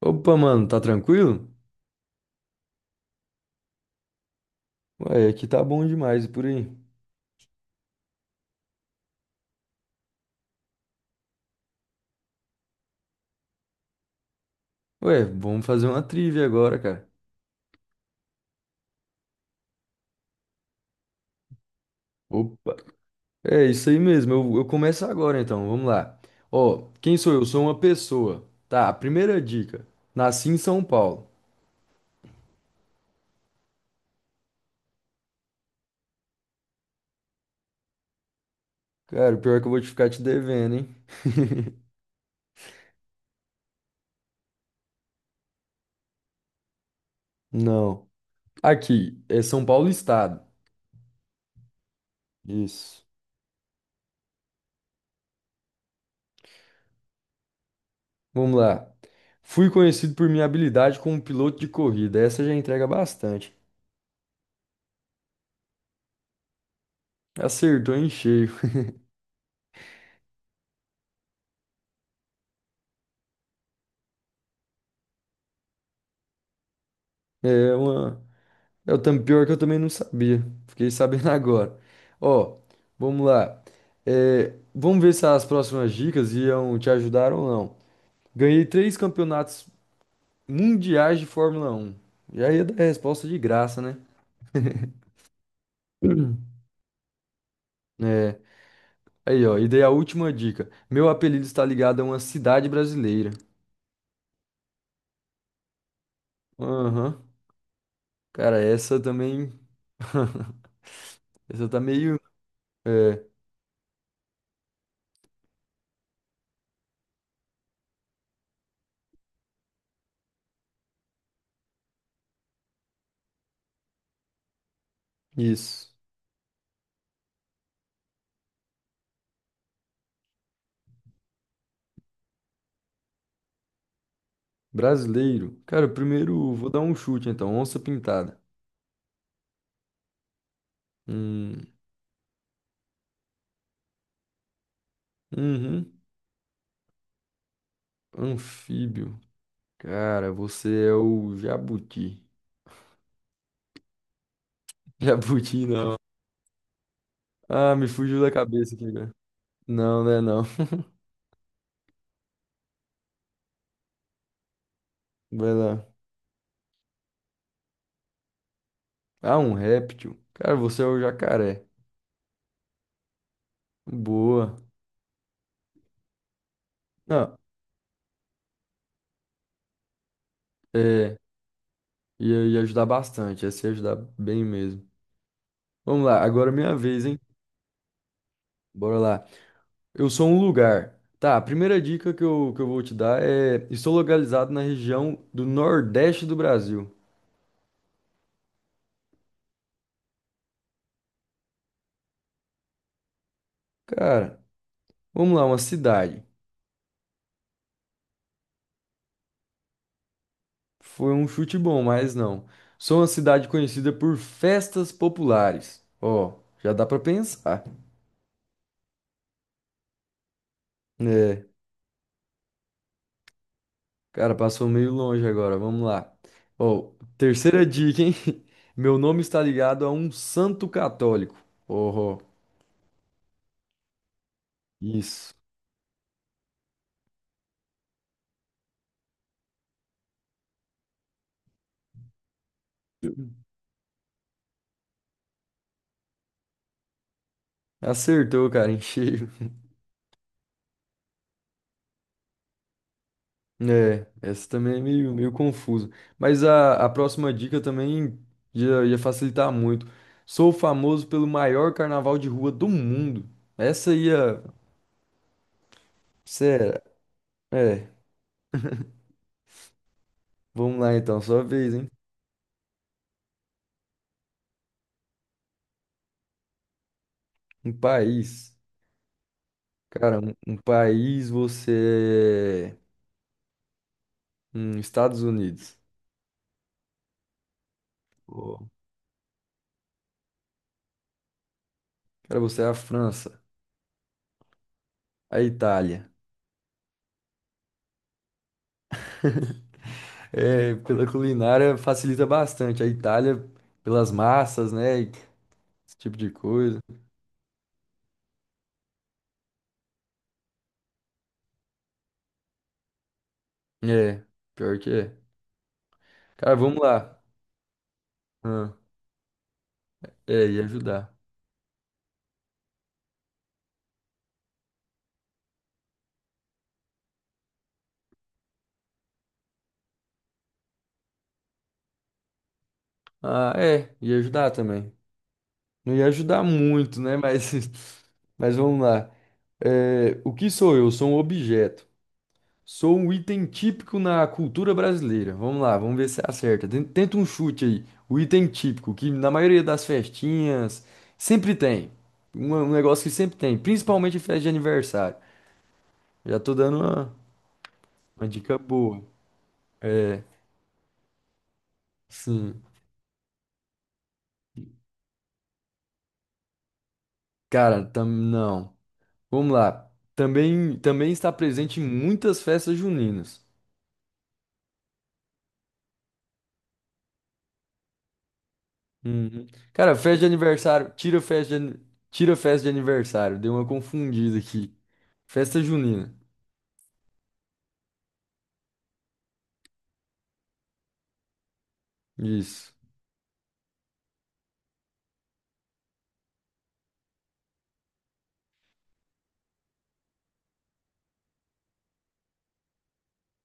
Opa, mano, tá tranquilo? Ué, aqui tá bom demais e por aí. Ué, vamos fazer uma trivia agora, cara. Opa. É isso aí mesmo, eu começo agora então, vamos lá. Ó, quem sou eu? Sou uma pessoa. Tá, a primeira dica. Nasci em São Paulo. Cara, o pior é que eu vou te ficar te devendo, hein? Não. Aqui, é São Paulo Estado. Isso. Vamos lá. Fui conhecido por minha habilidade como piloto de corrida. Essa já entrega bastante. Acertou em cheio. É uma. É o pior que eu também não sabia. Fiquei sabendo agora. Ó, vamos lá. É, vamos ver se as próximas dicas iam te ajudar ou não. Ganhei três campeonatos mundiais de Fórmula 1. Já ia dar a resposta de graça, né? É. Aí, ó, e dei a última dica. Meu apelido está ligado a uma cidade brasileira. Aham. Cara, essa também. Essa tá meio. É, isso. Brasileiro. Cara, primeiro vou dar um chute então. Onça pintada. Hum, uhum. Anfíbio. Cara, você é o jabuti. Jabuti não. Ah, me fugiu da cabeça aqui, cara. Não, né, não. Vai lá. Ah, um réptil. Cara, você é o jacaré. Boa. Não, é. Ia ajudar bastante. Ia se ajudar bem mesmo. Vamos lá, agora é minha vez, hein? Bora lá. Eu sou um lugar. Tá, a primeira dica que eu vou te dar é: estou localizado na região do Nordeste do Brasil. Cara, vamos lá, uma cidade. Foi um chute bom, mas não. Sou uma cidade conhecida por festas populares. Ó, já dá pra pensar. É, cara, passou meio longe agora, vamos lá. Ó, terceira dica, hein? Meu nome está ligado a um santo católico. Oh, isso. Acertou, cara, em cheio. É, essa também é meio, meio confusa. Mas a próxima dica também ia facilitar muito. Sou famoso pelo maior carnaval de rua do mundo. Essa ia. Será? É, é, vamos lá então, sua vez, hein? Um país. Cara, um país você é. Estados Unidos. Pô, cara, você é a França. A Itália. É, pela culinária facilita bastante. A Itália, pelas massas, né, e esse tipo de coisa. É, pior que é. Cara, vamos lá. Ah, é, ia ajudar. Ah, é, ia ajudar também. Não ia ajudar muito, né? Mas, mas vamos lá. É, o que sou eu? Sou um objeto. Sou um item típico na cultura brasileira. Vamos lá, vamos ver se acerta. Tenta um chute aí. O item típico, que na maioria das festinhas sempre tem. Um negócio que sempre tem, principalmente em festa de aniversário. Já tô dando uma dica boa. É, sim. Cara, não. Vamos lá. Também está presente em muitas festas juninas. Uhum. Cara, festa de aniversário. Tira festa de, tira festa de aniversário. Deu uma confundida aqui. Festa junina. Isso.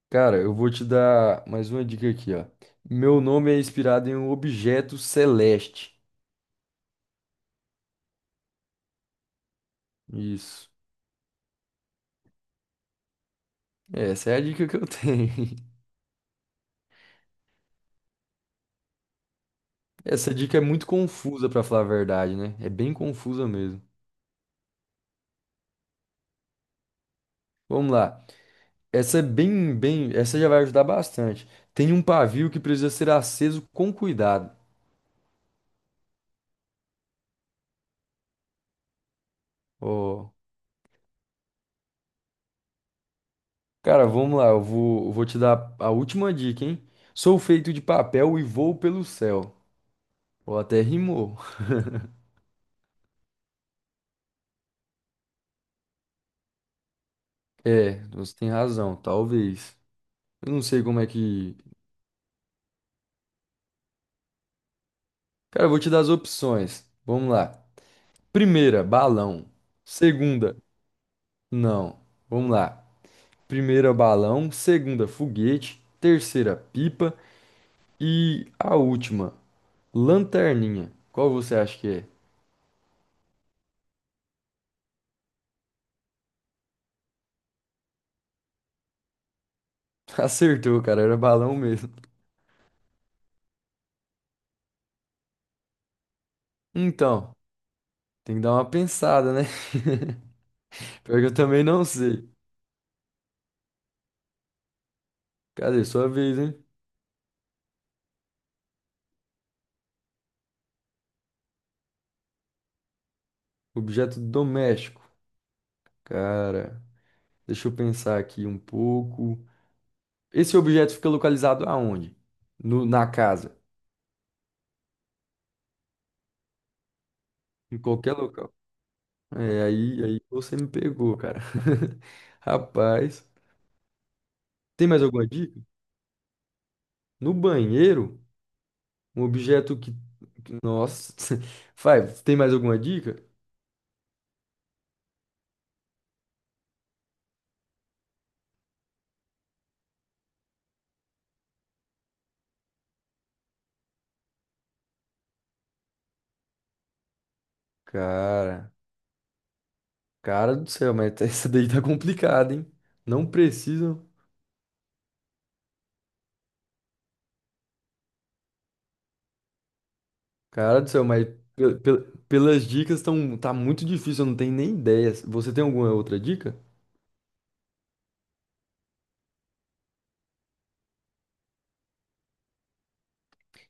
Cara, eu vou te dar mais uma dica aqui, ó. Meu nome é inspirado em um objeto celeste. Isso. Essa é a dica que eu tenho. Essa dica é muito confusa, pra falar a verdade, né? É bem confusa mesmo. Vamos lá. Essa é bem, essa já vai ajudar bastante. Tem um pavio que precisa ser aceso com cuidado. Ó, cara, vamos lá, eu vou te dar a última dica, hein? Sou feito de papel e voo pelo céu. Ou até rimou. É, você tem razão, talvez. Eu não sei como é que. Cara, eu vou te dar as opções. Vamos lá. Primeira, balão. Segunda, não. Vamos lá. Primeira, balão. Segunda, foguete. Terceira, pipa. E a última. Lanterninha. Qual você acha que é? Acertou, cara. Era balão mesmo. Então, tem que dar uma pensada, né? Pior que eu também não sei. Cadê? Sua vez, hein? Objeto doméstico. Cara, deixa eu pensar aqui um pouco. Esse objeto fica localizado aonde? No, na casa. Em qualquer local. É, aí você me pegou, cara. Rapaz. Tem mais alguma dica? No banheiro? Um objeto que. Nossa. Vai, tem mais alguma dica? Cara. Cara do céu, mas essa daí tá complicada, hein? Não precisam. Cara do céu, mas pelas dicas tão, tá muito difícil, eu não tenho nem ideia. Você tem alguma outra dica?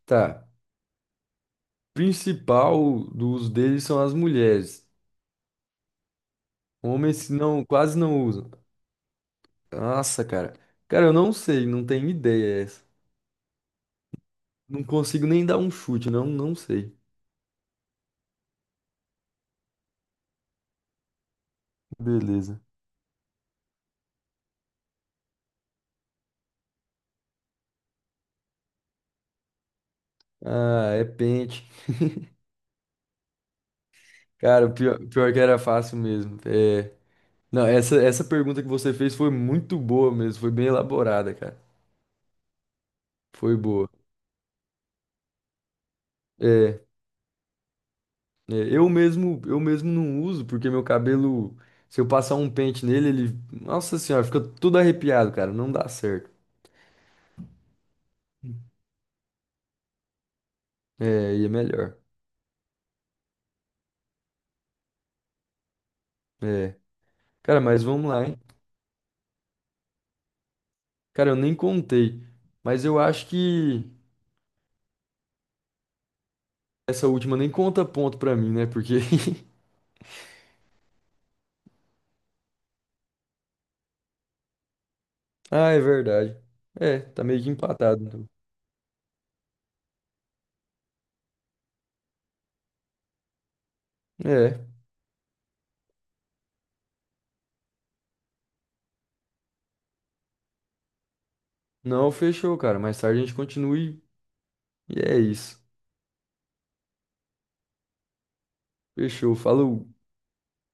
Tá. Principal do uso deles são as mulheres. Homens não, quase não usam. Nossa, cara. Cara, eu não sei, não tenho ideia essa. Não consigo nem dar um chute, não, não sei. Beleza. Ah, é pente. Cara, o pior que era fácil mesmo. É. Não, essa pergunta que você fez foi muito boa mesmo, foi bem elaborada, cara. Foi boa. É, eu mesmo não uso, porque meu cabelo, se eu passar um pente nele, ele, nossa senhora, fica tudo arrepiado, cara, não dá certo. É, e é melhor. É. Cara, mas vamos lá, hein? Cara, eu nem contei, mas eu acho que essa última nem conta ponto pra mim, né? Porque Ah, é verdade. É, tá meio que empatado, então. É. Não, fechou, cara. Mais tarde a gente continue. E é isso. Fechou. Falou.